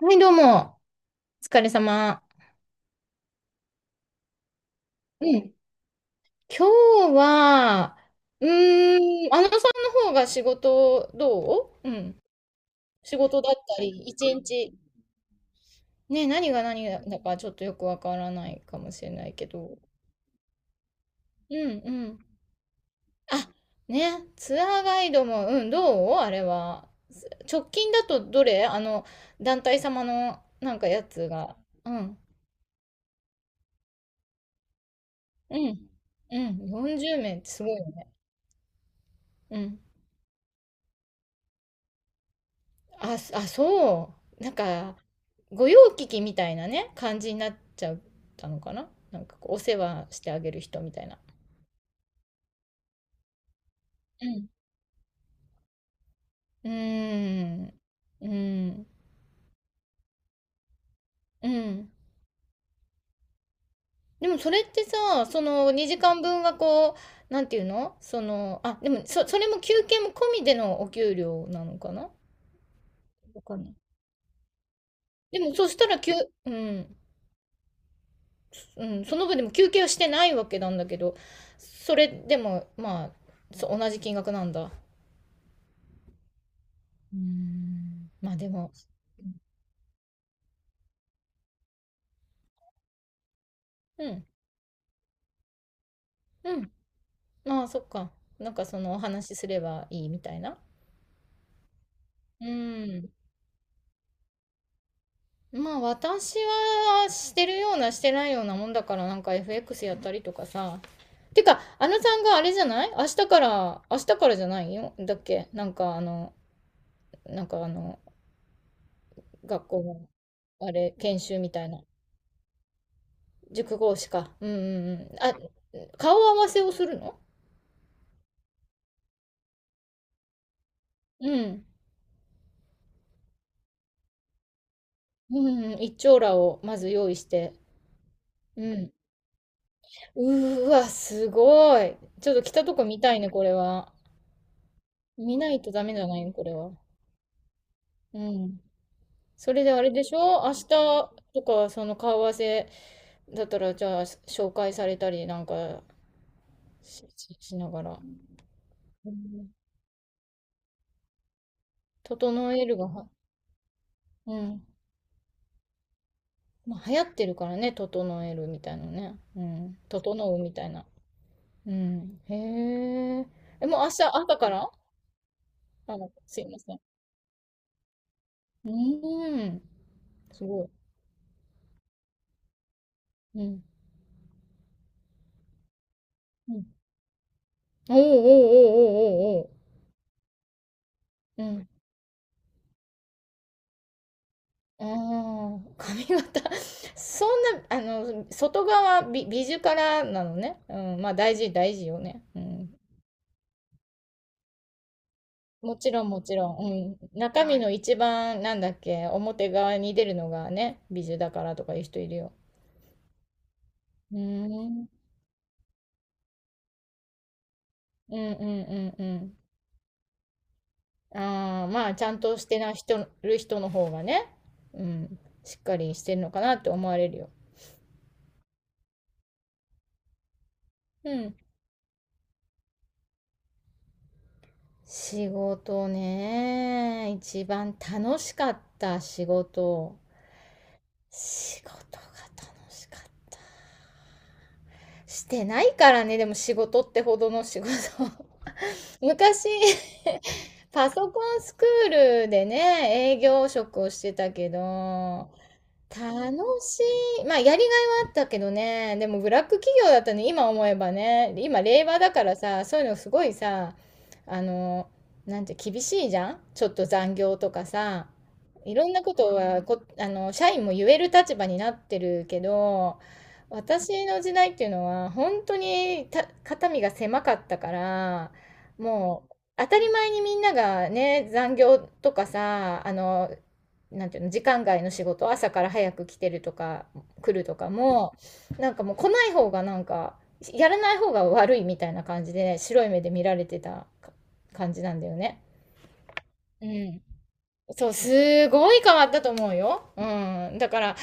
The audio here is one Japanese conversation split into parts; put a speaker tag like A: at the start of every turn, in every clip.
A: はい、どうも。お疲れ様。うん。今日は、あのさんの方が仕事どう、うん。仕事だったり、一日。ね、何が何だかちょっとよくわからないかもしれないけど。うんうん。あ、ね、ツアーガイドも、うん、どうあれは。直近だとどれ、あの、団体様のなんかやつが。うん。うん。うん。40名ってすごいよね。うん。あ、そう。なんか、御用聞きみたいなね、感じになっちゃったのかな、なんかこう、お世話してあげる人みたいな。うん。うーん。うん。うん。でもそれってさ、その2時間分がこう、なんていうのその、あ、でもそれも休憩も込みでのお給料なのかな、わかんない。でもそしたら休、うん、うん、その分でも休憩はしてないわけなんだけど、それでも、まあ、そ同じ金額なんだ。うーん、まあでも、うん、うん。まあそっか。なんかそのお話しすればいいみたいな。うん。まあ私はしてるようなしてないようなもんだから、なんか FX やったりとかさ。てか、あのさんがあれじゃない明日から、明日からじゃないよ。だっけ、なんかあの、なんかあの、学校の、あれ、研修みたいな。塾講師か。うんうんうん。あ、顔合わせをするの、うん。うんうん。一張羅をまず用意して。うん。うーわ、すごい。ちょっと着たとこ見たいね、これは。見ないとダメじゃないの、これは。うん。それであれでしょ明日とか、その顔合わせだったら、じゃあ、紹介されたりなんかししながら。うん、整えるがは、うん。まあ、流行ってるからね、整えるみたいなね。うん。整うみたいな。うん。へえ。え、もう明日朝から、あの、すいません。うーん。すごい。うん。うん、おーおーおーおーおーおー。うん。ああ、髪型 そんな、あの、外側美術からなのね。うん、まあ大事よね。うん。もちろん、もちろん。うん。中身の一番、なんだっけ、表側に出るのがね、美術だからとかいう人いるよ。うーん。うんうんうんうん。ああ、まあ、ちゃんとしてな人、る人の方がね、うん、しっかりしてるのかなって思われるよ。うん。仕事ね、一番楽しかった仕事。仕事が楽しかった。してないからね、でも仕事ってほどの仕事。昔、パソコンスクールでね、営業職をしてたけど、楽しい。まあ、やりがいはあったけどね。でも、ブラック企業だったね、今思えばね。今、令和だからさ、そういうのすごいさ、あの、なんて、厳しいじゃん、ちょっと残業とかさ。いろんなことはこ、あの、社員も言える立場になってるけど、私の時代っていうのは、本当にた、肩身が狭かったから、もう、当たり前にみんながね、残業とかさ、あの、なんていうの、時間外の仕事、朝から早く来てるとか、来るとかも、なんかもう来ない方がなんか、やらない方が悪いみたいな感じで、白い目で見られてたか感じなんだよね。うん。そう、すごい変わったと思うよ。うん。だから、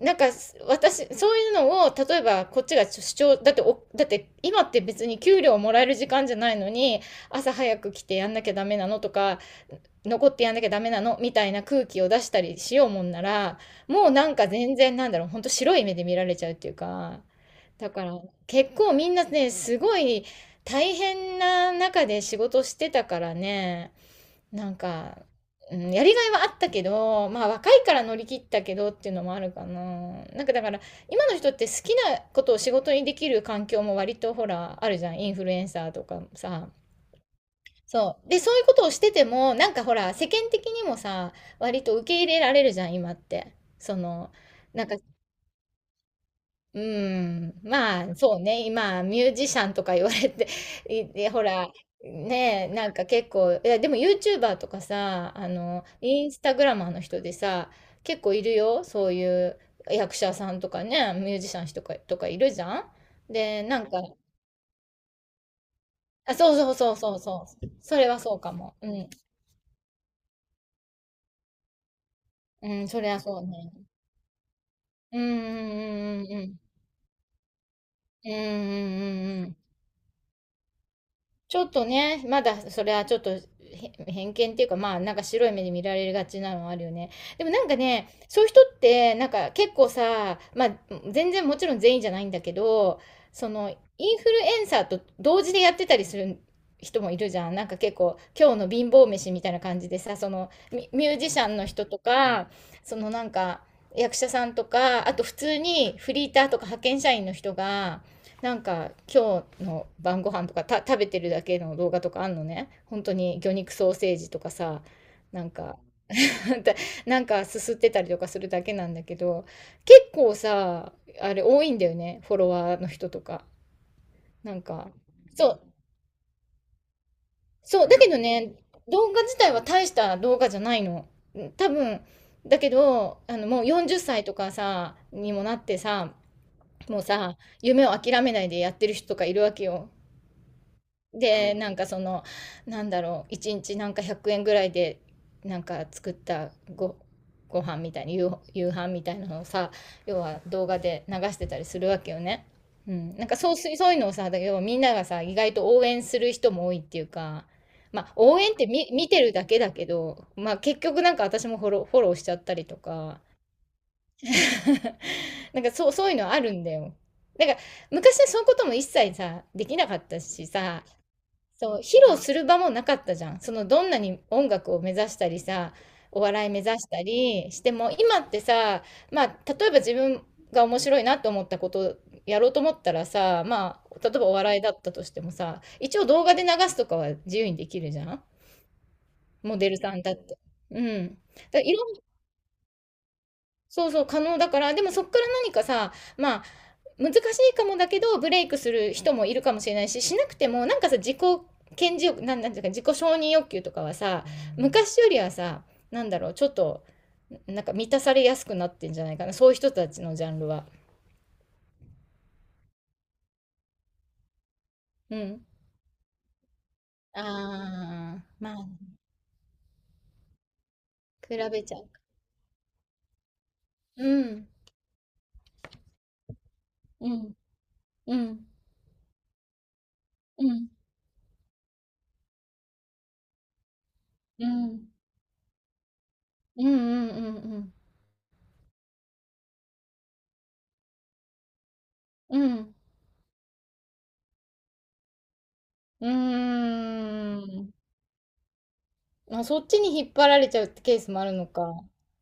A: なんか、す私、そういうのを、例えば、こっちが主張、だってお、だって、今って別に給料もらえる時間じゃないのに、朝早く来てやんなきゃダメなのとか、残ってやんなきゃダメなのみたいな空気を出したりしようもんなら、もうなんか全然なんだろう、ほんと白い目で見られちゃうっていうか、だから結構みんなね、すごい大変な中で仕事してたからね、なんか、うん、やりがいはあったけど、まあ若いから乗り切ったけどっていうのもあるかな。なんかだから今の人って好きなことを仕事にできる環境も割とほらあるじゃん。インフルエンサーとかさ。そう。で、そういうことをしてても、なんかほら、世間的にもさ、割と受け入れられるじゃん、今って。その、なんか、うん、まあ、そうね、今、ミュージシャンとか言われて、いでほら、ねえ、なんか結構、いや、でも YouTuber とかさ、あの、インスタグラマーの人でさ、結構いるよ、そういう役者さんとかね、ミュージシャンとか、とかいるじゃん。で、なんか、あ、そうそうそうそうそう、それはそうかも。うん、うん、それはそうね。うんうんうんうんうん。うんうんうんうん。ちょっとね、まだそれはちょっとへ偏見っていうか、まあなんか白い目で見られがちなのはあるよね。でもなんかね、そういう人ってなんか結構さ、まあ全然もちろん全員じゃないんだけど、そのインフルエンサーと同時でやってたりする人もいるじゃん。なんか結構今日の貧乏飯みたいな感じでさ、そのミュージシャンの人とか、そのなんか役者さんとか、あと普通にフリーターとか派遣社員の人が、なんか今日の晩ご飯とかた食べてるだけの動画とかあんのね。本当に魚肉ソーセージとかさ、なんか なんかすすってたりとかするだけなんだけど、結構さ、あれ多いんだよね、フォロワーの人とか。なんか、そう、そう、だけどね、動画自体は大した動画じゃないの。多分、だけど、あの、もう40歳とかさ、にもなってさ、もうさ、夢を諦めないでやってる人とかいるわけよ。でなんかそのなんだろう1日なんか100円ぐらいでなんか作ったごご飯みたいな夕飯みたいなのをさ、要は動画で流してたりするわけよね。うん、なんかそうすそういうのをさ、だはみんながさ意外と応援する人も多いっていうか、まあ、応援って見てるだけだけど、まあ、結局なんか私もフォローしちゃったりとか なんかそう、そういうのあるんだよ。なんか昔はそういうことも一切さできなかったしさ、そう、披露する場もなかったじゃん。そのどんなに音楽を目指したりさ、お笑い目指したりしても、今ってさ、まあ、例えば自分が面白いなと思ったことをやろうと思ったらさ、まあ、例えばお笑いだったとしてもさ、一応動画で流すとかは自由にできるじゃん。モデルさんだって。うん。だからいろん、そうそう、可能だから、でもそっから何かさ、まあ、難しいかもだけど、ブレイクする人もいるかもしれないし、しなくてもなんかさ、自己顕示欲なん、なんていうか、自己承認欲求とかはさ、昔よりはさ、なんだろう、ちょっとなんか満たされやすくなってんじゃないかな、そういう人たちのジャンルは。うん、ああまあ比べちゃう、うんうんうんうんうんうんうんうんうんうん、うーん、まあそっちに引っ張られちゃうってケースもあるのか。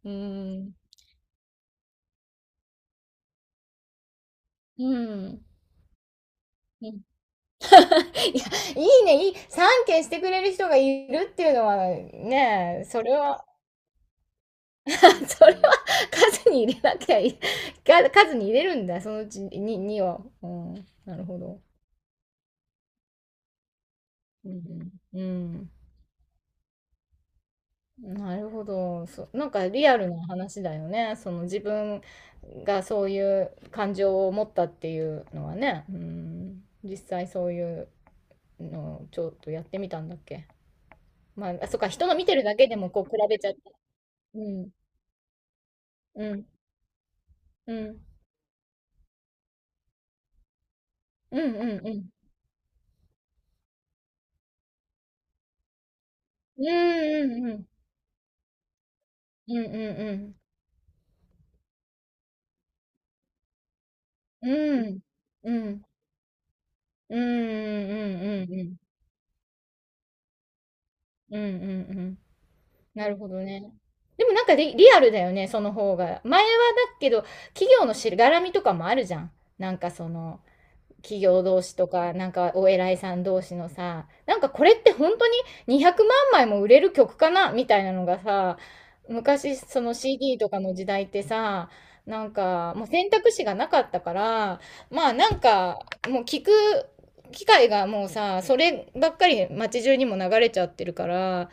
A: うーん、うんうん、いや、いいね、いい、3件してくれる人がいるっていうのはね、それは、それは数に入れなきゃいい。か数に入れるんだ、そのうちに、2は。うん、なるほど。うん、うん。なるほど。そ、なんかリアルな話だよね。その自分がそういう感情を持ったっていうのはね。うん、実際そういうのをちょっとやってみたんだっけ。まあ、あ、そっか、人の見てるだけでもこう比べちゃって。うん。うんうん。うんうんうん。うんうんうん。うんうんうん。うん。うん。うんうんうんうんうん。うんうんうんうんうんうんうんうんうんうんうんうんうんうん、なるほどね。でもなんかリアルだよね、その方が。前はだけど、企業のしがらみとかもあるじゃん。なんかその、企業同士とか、なんかお偉いさん同士のさ、なんかこれって本当に200万枚も売れる曲かなみたいなのがさ、昔その CD とかの時代ってさ、なんかもう選択肢がなかったから、まあなんかもう聞く機会がもうさ、そればっかり街中にも流れちゃってるから、